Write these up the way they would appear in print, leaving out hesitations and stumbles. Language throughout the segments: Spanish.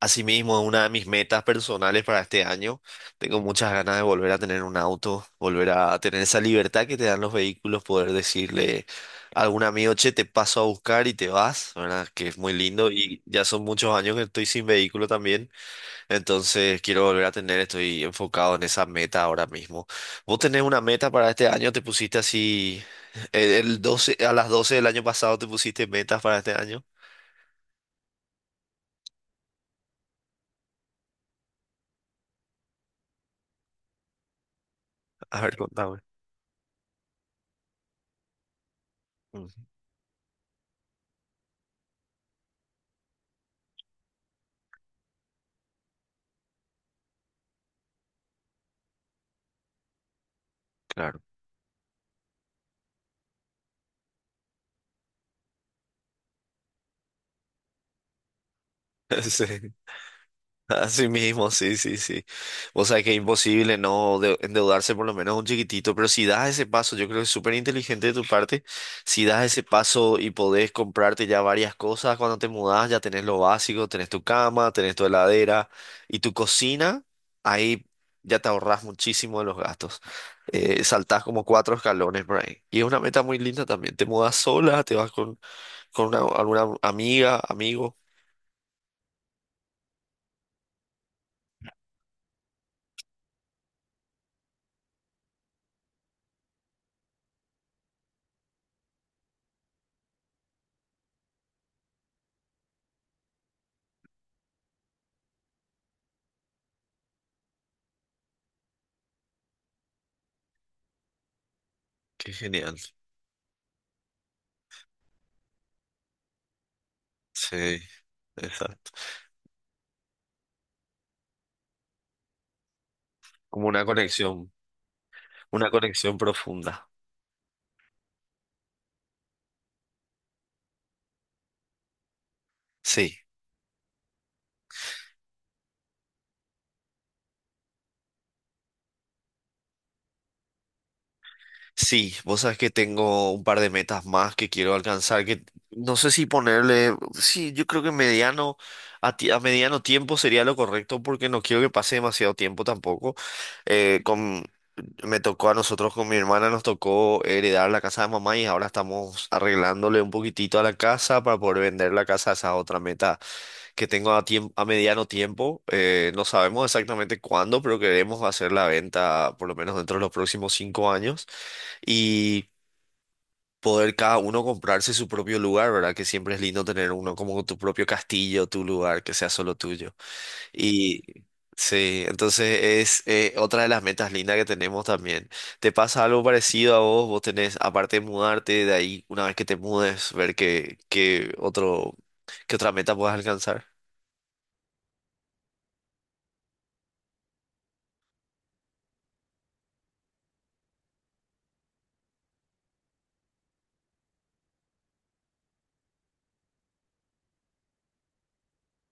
Asimismo, una de mis metas personales para este año, tengo muchas ganas de volver a tener un auto, volver a tener esa libertad que te dan los vehículos, poder decirle a algún amigo, che, te paso a buscar y te vas, ¿verdad? Que es muy lindo y ya son muchos años que estoy sin vehículo también, entonces quiero volver a tener, estoy enfocado en esa meta ahora mismo. ¿Vos tenés una meta para este año? ¿Te pusiste así el 12, a las 12 del año pasado te pusiste metas para este año? A ver, contame. Mm. Claro. Sí. Así mismo, sí, sí, sí. O sea que es imposible no endeudarse por lo menos un chiquitito, pero si das ese paso, yo creo que es súper inteligente de tu parte, si das ese paso y podés comprarte ya varias cosas cuando te mudás, ya tenés lo básico, tenés tu cama, tenés tu heladera y tu cocina, ahí ya te ahorrás muchísimo de los gastos. Saltás como cuatro escalones por ahí. Y es una meta muy linda también. Te mudás sola, te vas con una, alguna amiga, amigo. Qué genial. Sí, exacto. Como una conexión profunda. Sí, sí, vos sabés que tengo un par de metas más que quiero alcanzar, que no sé si ponerle, sí, yo creo que mediano, a, a mediano tiempo sería lo correcto porque no quiero que pase demasiado tiempo tampoco. Eh, con, Me tocó a nosotros con mi hermana, nos tocó heredar la casa de mamá y ahora estamos arreglándole un poquitito a la casa para poder vender la casa, esa es otra meta que tengo a a mediano tiempo. No sabemos exactamente cuándo, pero queremos hacer la venta por lo menos dentro de los próximos 5 años y poder cada uno comprarse su propio lugar, ¿verdad? Que siempre es lindo tener uno como tu propio castillo, tu lugar, que sea solo tuyo. Y sí, entonces es otra de las metas lindas que tenemos también. ¿Te pasa algo parecido a vos? Vos tenés, aparte de mudarte de ahí, una vez que te mudes, ver qué otra meta puedas alcanzar.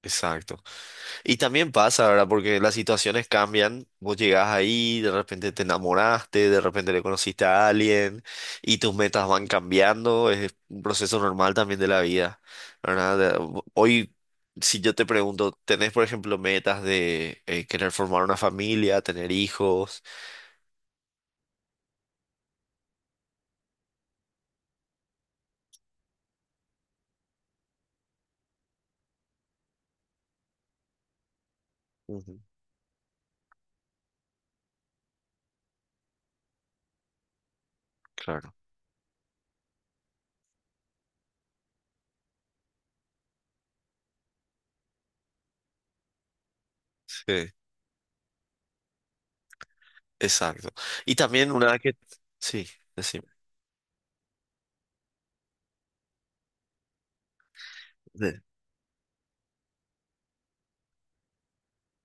Exacto. Y también pasa, ¿verdad? Porque las situaciones cambian. Vos llegás ahí, de repente te enamoraste, de repente le conociste a alguien y tus metas van cambiando. Es un proceso normal también de la vida, ¿verdad? De- Hoy, si yo te pregunto, ¿tenés, por ejemplo, metas de querer formar una familia, tener hijos? Ujú. Claro. Sí, exacto. Y también una vez que... Sí, decime.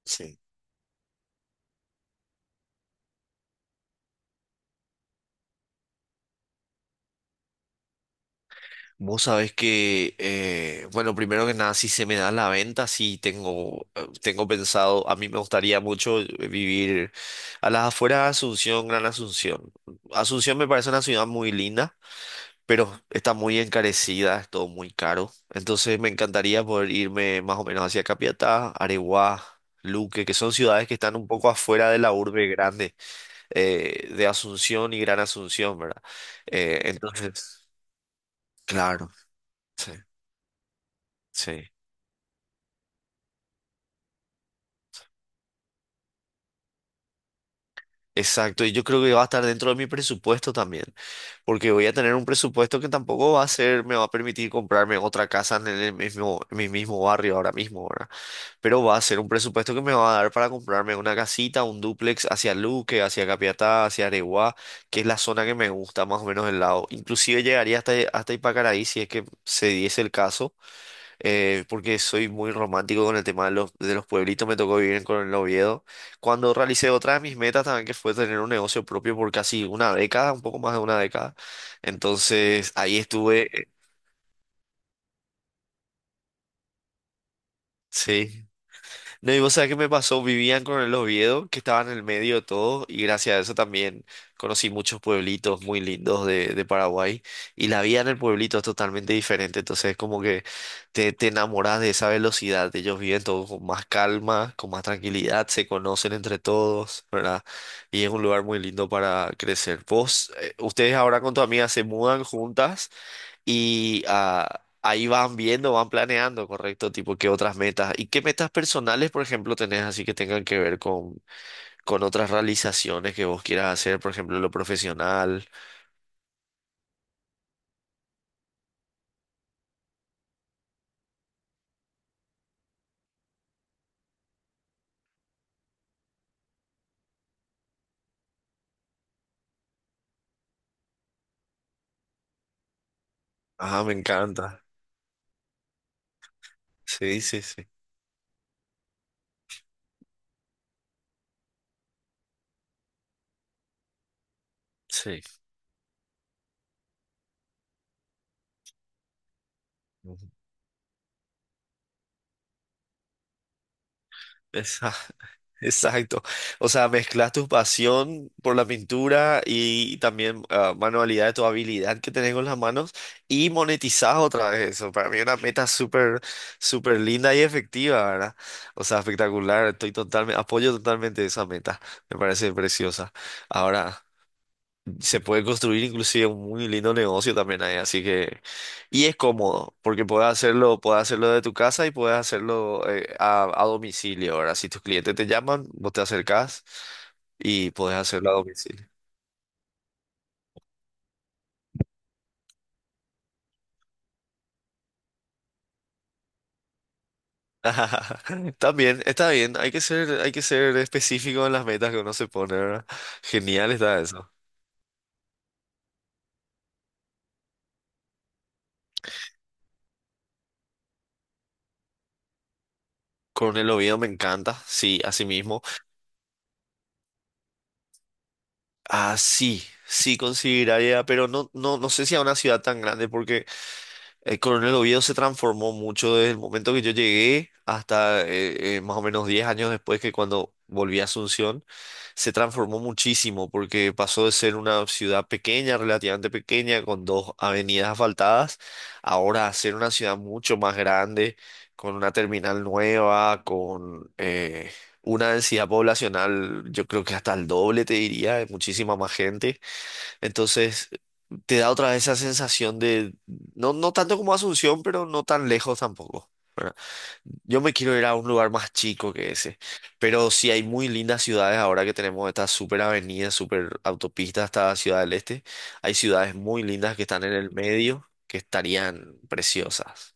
Sí. Vos sabés que, bueno, primero que nada, si se me da la venta, sí tengo pensado, a mí me gustaría mucho vivir a las afueras de Asunción, Gran Asunción. Asunción me parece una ciudad muy linda, pero está muy encarecida, es todo muy caro. Entonces me encantaría poder irme más o menos hacia Capiatá, Areguá, Luque, que son ciudades que están un poco afuera de la urbe grande, de Asunción y Gran Asunción, ¿verdad? Entonces, claro, sí, sí. Exacto, y yo creo que va a estar dentro de mi presupuesto también, porque voy a tener un presupuesto que tampoco va a ser, me va a permitir comprarme otra casa en el mismo, en mi mismo barrio ahora mismo, ¿verdad? Pero va a ser un presupuesto que me va a dar para comprarme una casita, un dúplex hacia Luque, hacia Capiatá, hacia Areguá, que es la zona que me gusta más o menos del lado. Inclusive llegaría hasta, hasta Ipacaraí si es que se diese el caso, porque soy muy romántico con el tema de los pueblitos, me tocó vivir en Coronel Oviedo, cuando realicé otra de mis metas también, que fue tener un negocio propio por casi una década, un poco más de una década. Entonces, ahí estuve, sí. No, y vos sabés qué me pasó, vivían con el Oviedo, que estaba en el medio de todo, y gracias a eso también conocí muchos pueblitos muy lindos de Paraguay, y la vida en el pueblito es totalmente diferente, entonces es como que te enamoras de esa velocidad, ellos viven todo con más calma, con más tranquilidad, se conocen entre todos, ¿verdad? Y es un lugar muy lindo para crecer. Vos, ustedes ahora con tu amiga se mudan juntas. Y ahí van viendo, van planeando, correcto, tipo, qué otras metas. ¿Y qué metas personales, por ejemplo, tenés así que tengan que ver con otras realizaciones que vos quieras hacer, por ejemplo, lo profesional? Ah, me encanta. Sí, sí, sí. Sí. Ujú. Esa. Exacto. O sea, mezclas tu pasión por la pintura y también manualidad, tu habilidad que tenés con las manos y monetizás otra vez eso. Para mí es una meta súper, súper linda y efectiva, ¿verdad? O sea, espectacular. Estoy totalmente, apoyo totalmente esa meta. Me parece preciosa. Ahora, se puede construir inclusive un muy lindo negocio también ahí, así que... Y es cómodo, porque puedes hacerlo de tu casa y puedes hacerlo a domicilio. Ahora, si tus clientes te llaman, vos te acercás y puedes hacerlo a domicilio. También, está bien, hay que ser específico en las metas que uno se pone, ¿verdad? Genial está eso. Coronel Oviedo me encanta, sí, así mismo. Ah, sí, sí consideraría, pero no, no, no sé si a una ciudad tan grande, porque el Coronel Oviedo se transformó mucho desde el momento que yo llegué hasta más o menos 10 años después que cuando volví a Asunción, se transformó muchísimo porque pasó de ser una ciudad pequeña, relativamente pequeña, con dos avenidas asfaltadas, ahora a ser una ciudad mucho más grande, con una terminal nueva, con una densidad poblacional, yo creo que hasta el doble, te diría, de muchísima más gente. Entonces, te da otra vez esa sensación de, no, no tanto como Asunción, pero no tan lejos tampoco. ¿Verdad? Yo me quiero ir a un lugar más chico que ese, pero sí hay muy lindas ciudades ahora que tenemos estas super avenidas, super autopistas hasta Ciudad del Este. Hay ciudades muy lindas que están en el medio, que estarían preciosas.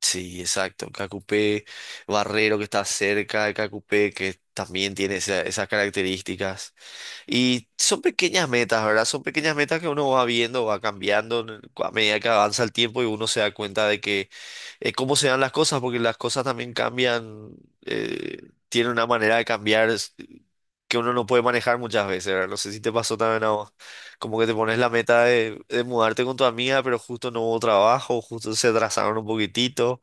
Sí, exacto. Cacupé, Barrero que está cerca de Cacupé, que también tiene esas características. Y son pequeñas metas, ¿verdad? Son pequeñas metas que uno va viendo, va cambiando a medida que avanza el tiempo y uno se da cuenta de que cómo se dan las cosas, porque las cosas también cambian, eh, tiene una manera de cambiar que uno no puede manejar muchas veces, ¿verdad? No sé si te pasó también a vos, como que te pones la meta de mudarte con tu amiga, pero justo no hubo trabajo, justo se atrasaron un poquitito.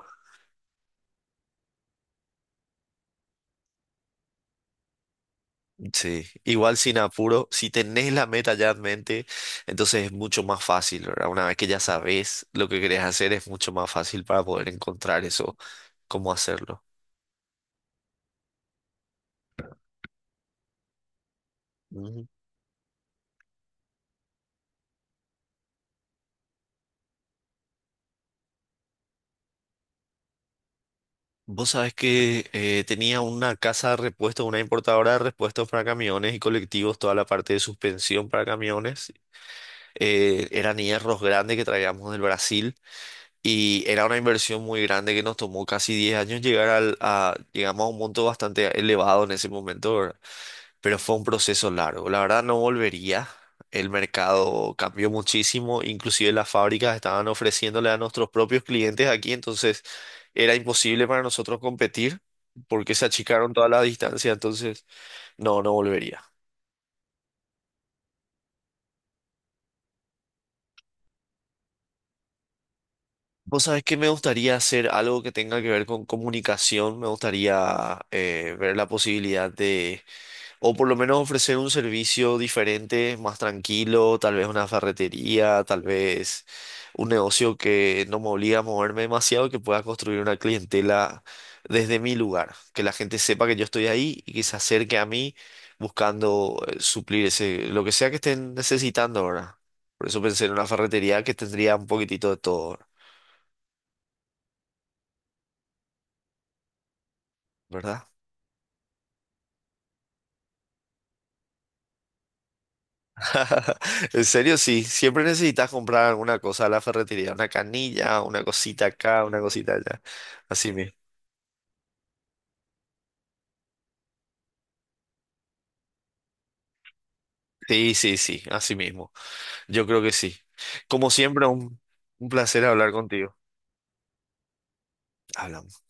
Sí, igual sin apuro, si tenés la meta ya en mente, entonces es mucho más fácil, ¿verdad? Una vez que ya sabes lo que querés hacer, es mucho más fácil para poder encontrar eso, cómo hacerlo. Mm. Vos sabés que tenía una casa de repuestos, una importadora de repuestos para camiones y colectivos, toda la parte de suspensión para camiones. Eran hierros grandes que traíamos del Brasil y era una inversión muy grande que nos tomó casi 10 años llegar llegamos a un monto bastante elevado en ese momento, ¿verdad? Pero fue un proceso largo. La verdad no volvería. El mercado cambió muchísimo, inclusive las fábricas estaban ofreciéndole a nuestros propios clientes aquí, entonces era imposible para nosotros competir porque se achicaron todas las distancias, entonces no, no volvería. Vos sabés que me gustaría hacer algo que tenga que ver con comunicación, me gustaría ver la posibilidad de o por lo menos ofrecer un servicio diferente, más tranquilo, tal vez una ferretería, tal vez un negocio que no me obliga a moverme demasiado, que pueda construir una clientela desde mi lugar, que la gente sepa que yo estoy ahí y que se acerque a mí buscando suplir ese, lo que sea que estén necesitando ahora. Por eso pensé en una ferretería que tendría un poquitito de todo, ¿verdad? En serio, sí, siempre necesitas comprar alguna cosa a la ferretería, una canilla, una cosita acá, una cosita allá. Así mismo. Sí, sí, sí, así mismo. Yo creo que sí. Como siempre, un placer hablar contigo. Hablamos.